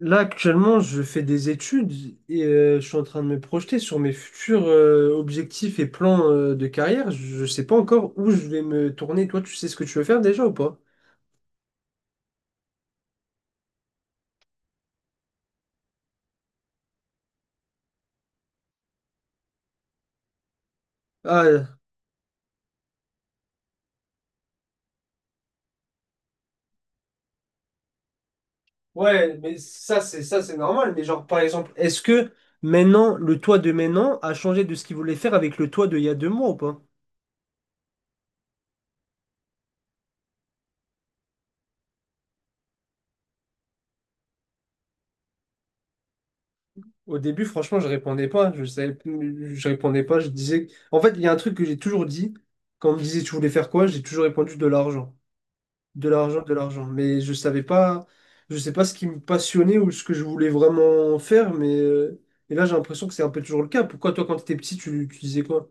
Là, actuellement, je fais des études et je suis en train de me projeter sur mes futurs objectifs et plans de carrière. Je ne sais pas encore où je vais me tourner. Toi, tu sais ce que tu veux faire déjà ou pas? Ah, ouais, mais ça, c'est normal. Mais genre, par exemple, est-ce que maintenant, le toi de maintenant a changé de ce qu'il voulait faire avec le toi de il y a 2 mois ou pas? Au début, franchement, je répondais pas. Je savais, je répondais pas. Je disais. En fait, il y a un truc que j'ai toujours dit. Quand on me disait, tu voulais faire quoi? J'ai toujours répondu de l'argent. De l'argent, de l'argent. Mais je savais pas, je sais pas ce qui me passionnait ou ce que je voulais vraiment faire, mais et là j'ai l'impression que c'est un peu toujours le cas. Pourquoi toi quand t'étais petit, tu disais quoi?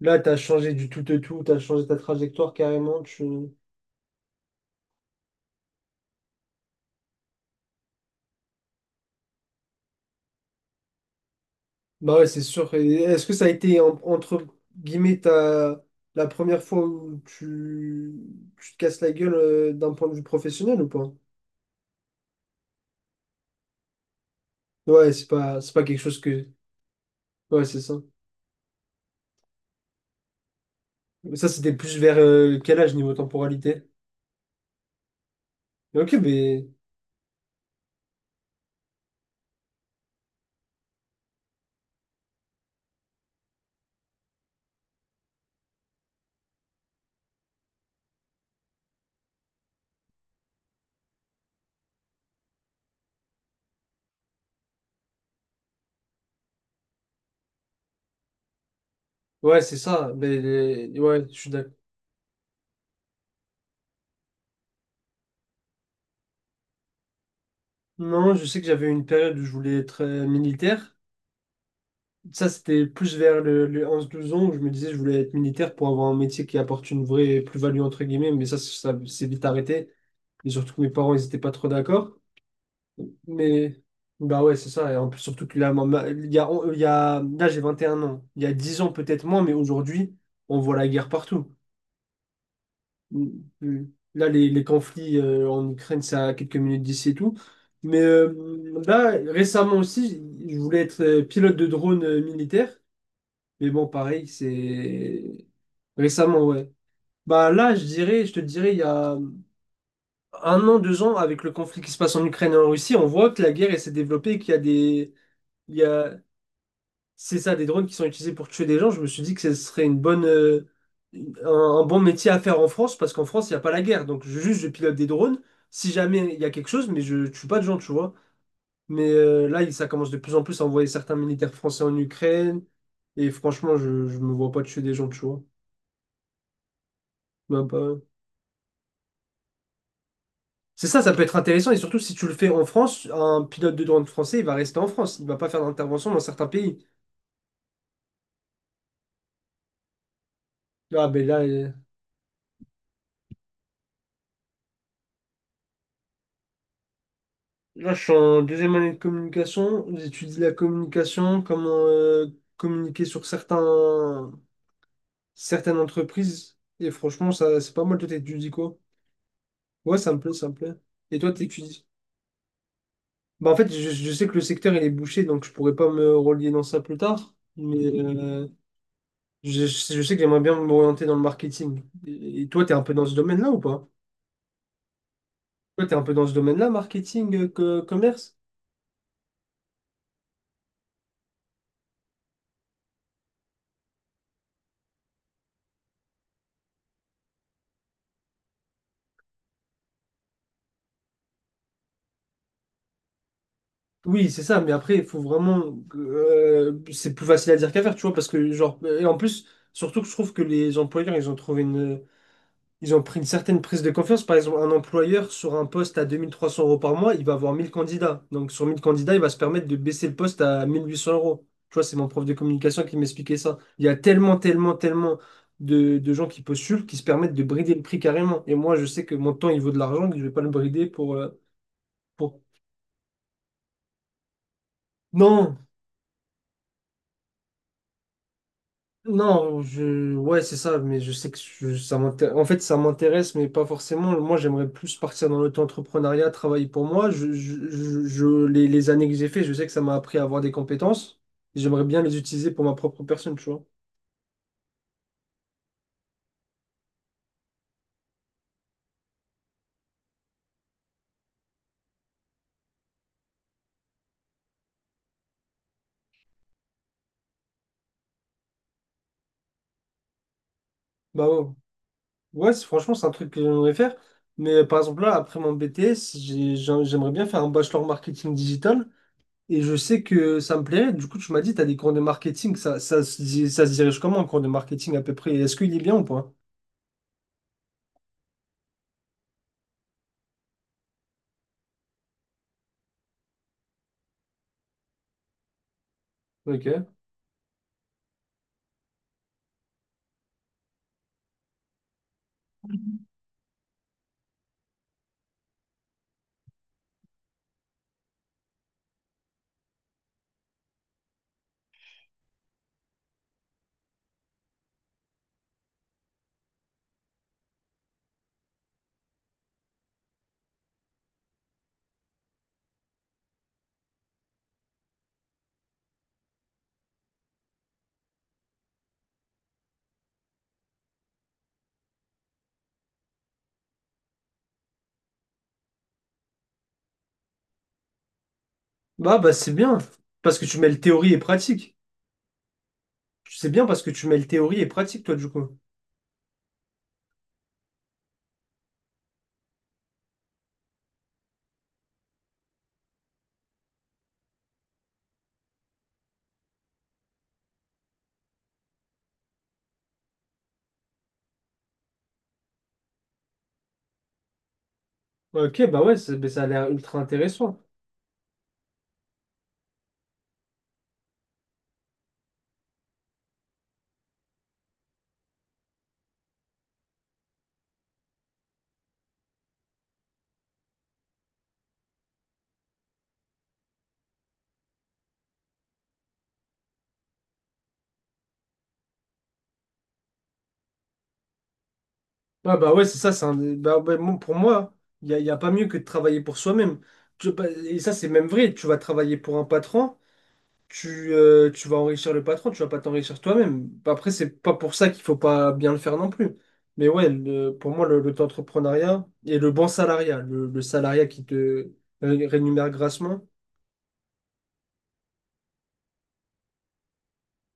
Là, t'as changé du tout de tout, t'as changé ta trajectoire carrément. Tu... Bah ouais, c'est sûr. Et est-ce que ça a été entre guillemets ta la première fois où tu te casses la gueule d'un point de vue professionnel ou pas? Ouais, c'est pas quelque chose que. Ouais, c'est ça. Ça, c'était plus vers quel âge niveau temporalité? Ok, mais. Ouais, c'est ça. Mais, ouais, je suis d'accord. Non, je sais que j'avais une période où je voulais être militaire. Ça, c'était plus vers les 11-12 ans où je me disais je voulais être militaire pour avoir un métier qui apporte une vraie plus-value, entre guillemets. Mais ça c'est vite arrêté. Et surtout que mes parents, ils étaient pas trop d'accord. Mais, bah ouais, c'est ça. Et en plus, surtout que là, il y a, on- il y a, là, j'ai 21 ans. Il y a 10 ans, peut-être moins, mais aujourd'hui, on voit la guerre partout. Mm, mm. Là, les conflits en Ukraine, c'est à quelques minutes d'ici et tout. Mais là, récemment aussi, je voulais être pilote de drone militaire. Mais bon, pareil, c'est récemment, ouais. Bah là, je dirais, je te dirais, il y a 1 an, 2 ans, avec le conflit qui se passe en Ukraine et en Russie, on voit que la guerre, elle s'est développée, qu'il y a c'est ça, des drones qui sont utilisés pour tuer des gens, je me suis dit que ce serait une bonne, un bon métier à faire en France, parce qu'en France, il n'y a pas la guerre. Donc, juste, je pilote des drones, si jamais il y a quelque chose, mais je tue pas de gens, tu vois. Mais là, ça commence de plus en plus à envoyer certains militaires français en Ukraine, et franchement, je me vois pas tuer des gens, tu vois. Même pas. C'est ça, ça peut être intéressant, et surtout si tu le fais en France, un pilote de drone français, il va rester en France, il va pas faire d'intervention dans certains pays. Ah, ben là. Là, je suis en deuxième année de communication. J'étudie la communication, comment communiquer sur certaines entreprises. Et franchement, ça, c'est pas mal. Toi, t'étudies quoi? Ouais, ça me plaît, ça me plaît. Et toi, t'étudies? Bah, en fait, je sais que le secteur, il est bouché, donc je pourrais pas me relier dans ça plus tard. Mais je sais que j'aimerais bien m'orienter dans le marketing. Et toi, t'es un peu dans ce domaine-là ou pas? Toi, t'es un peu dans ce domaine-là, marketing, commerce? Oui, c'est ça, mais après, il faut vraiment. Que, c'est plus facile à dire qu'à faire, tu vois, parce que, genre. Et en plus, surtout que je trouve que les employeurs, ils ont trouvé une. Ils ont pris une certaine prise de confiance. Par exemple, un employeur sur un poste à 2 300 euros par mois, il va avoir 1 000 candidats. Donc, sur 1 000 candidats, il va se permettre de baisser le poste à 1 800 euros. Tu vois, c'est mon prof de communication qui m'expliquait ça. Il y a tellement, tellement, tellement de gens qui postulent qui se permettent de brider le prix carrément. Et moi, je sais que mon temps, il vaut de l'argent, que je vais pas le brider pour. Pour... Non, non, ouais, c'est ça, mais je sais que ça m'intéresse. En fait, ça m'intéresse, mais pas forcément. Moi, j'aimerais plus partir dans l'auto-entrepreneuriat, travailler pour moi. Les années que j'ai fait, je sais que ça m'a appris à avoir des compétences. J'aimerais bien les utiliser pour ma propre personne, tu vois. Bah ouais, ouais, franchement, c'est un truc que j'aimerais faire. Mais par exemple, là, après mon BTS, j'aimerais bien faire un bachelor marketing digital. Et je sais que ça me plairait. Du coup, tu m'as dit, tu as des cours de marketing. Ça se dirige comment, un cours de marketing à peu près? Est-ce qu'il est bien ou pas? Ok. Bah, bah, c'est bien. Parce que tu mêles théorie et pratique. C'est bien parce que tu mêles théorie et pratique, toi, du coup. Ok, bah ouais, bah, ça a l'air ultra intéressant. Ah, bah ouais, c'est ça. Bah, ouais, moi, pour moi, y a pas mieux que de travailler pour soi-même. Et ça, c'est même vrai. Tu vas travailler pour un patron. Tu vas enrichir le patron, tu vas pas t'enrichir toi-même. Après, c'est pas pour ça qu'il faut pas bien le faire non plus. Mais ouais, pour moi, l'auto-entrepreneuriat et le bon salariat, le salariat qui te rémunère grassement,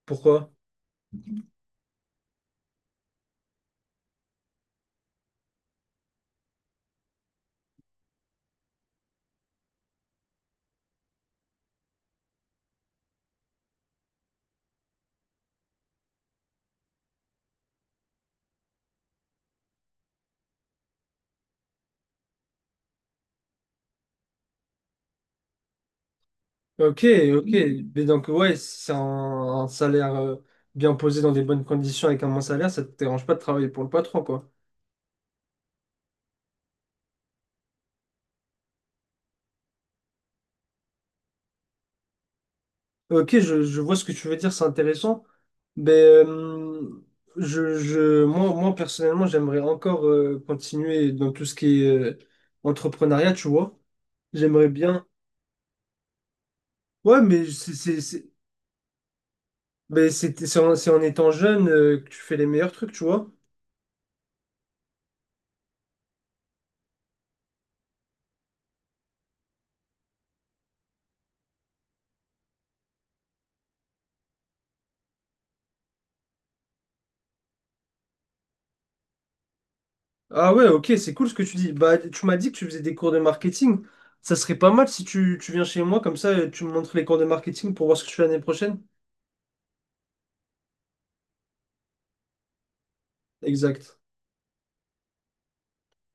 pourquoi? Ok, ok. Mais donc, ouais, si c'est un salaire bien posé dans des bonnes conditions avec un bon salaire, ça te dérange pas de travailler pour le patron, quoi. Ok, je vois ce que tu veux dire, c'est intéressant. Mais moi, moi, personnellement, j'aimerais encore continuer dans tout ce qui est entrepreneuriat, tu vois. J'aimerais bien. Ouais, mais c'est en étant jeune que tu fais les meilleurs trucs, tu vois. Ah ouais, ok, c'est cool ce que tu dis. Bah, tu m'as dit que tu faisais des cours de marketing. Ça serait pas mal si tu viens chez moi, comme ça, tu me montres les cours de marketing pour voir ce que tu fais l'année prochaine. Exact.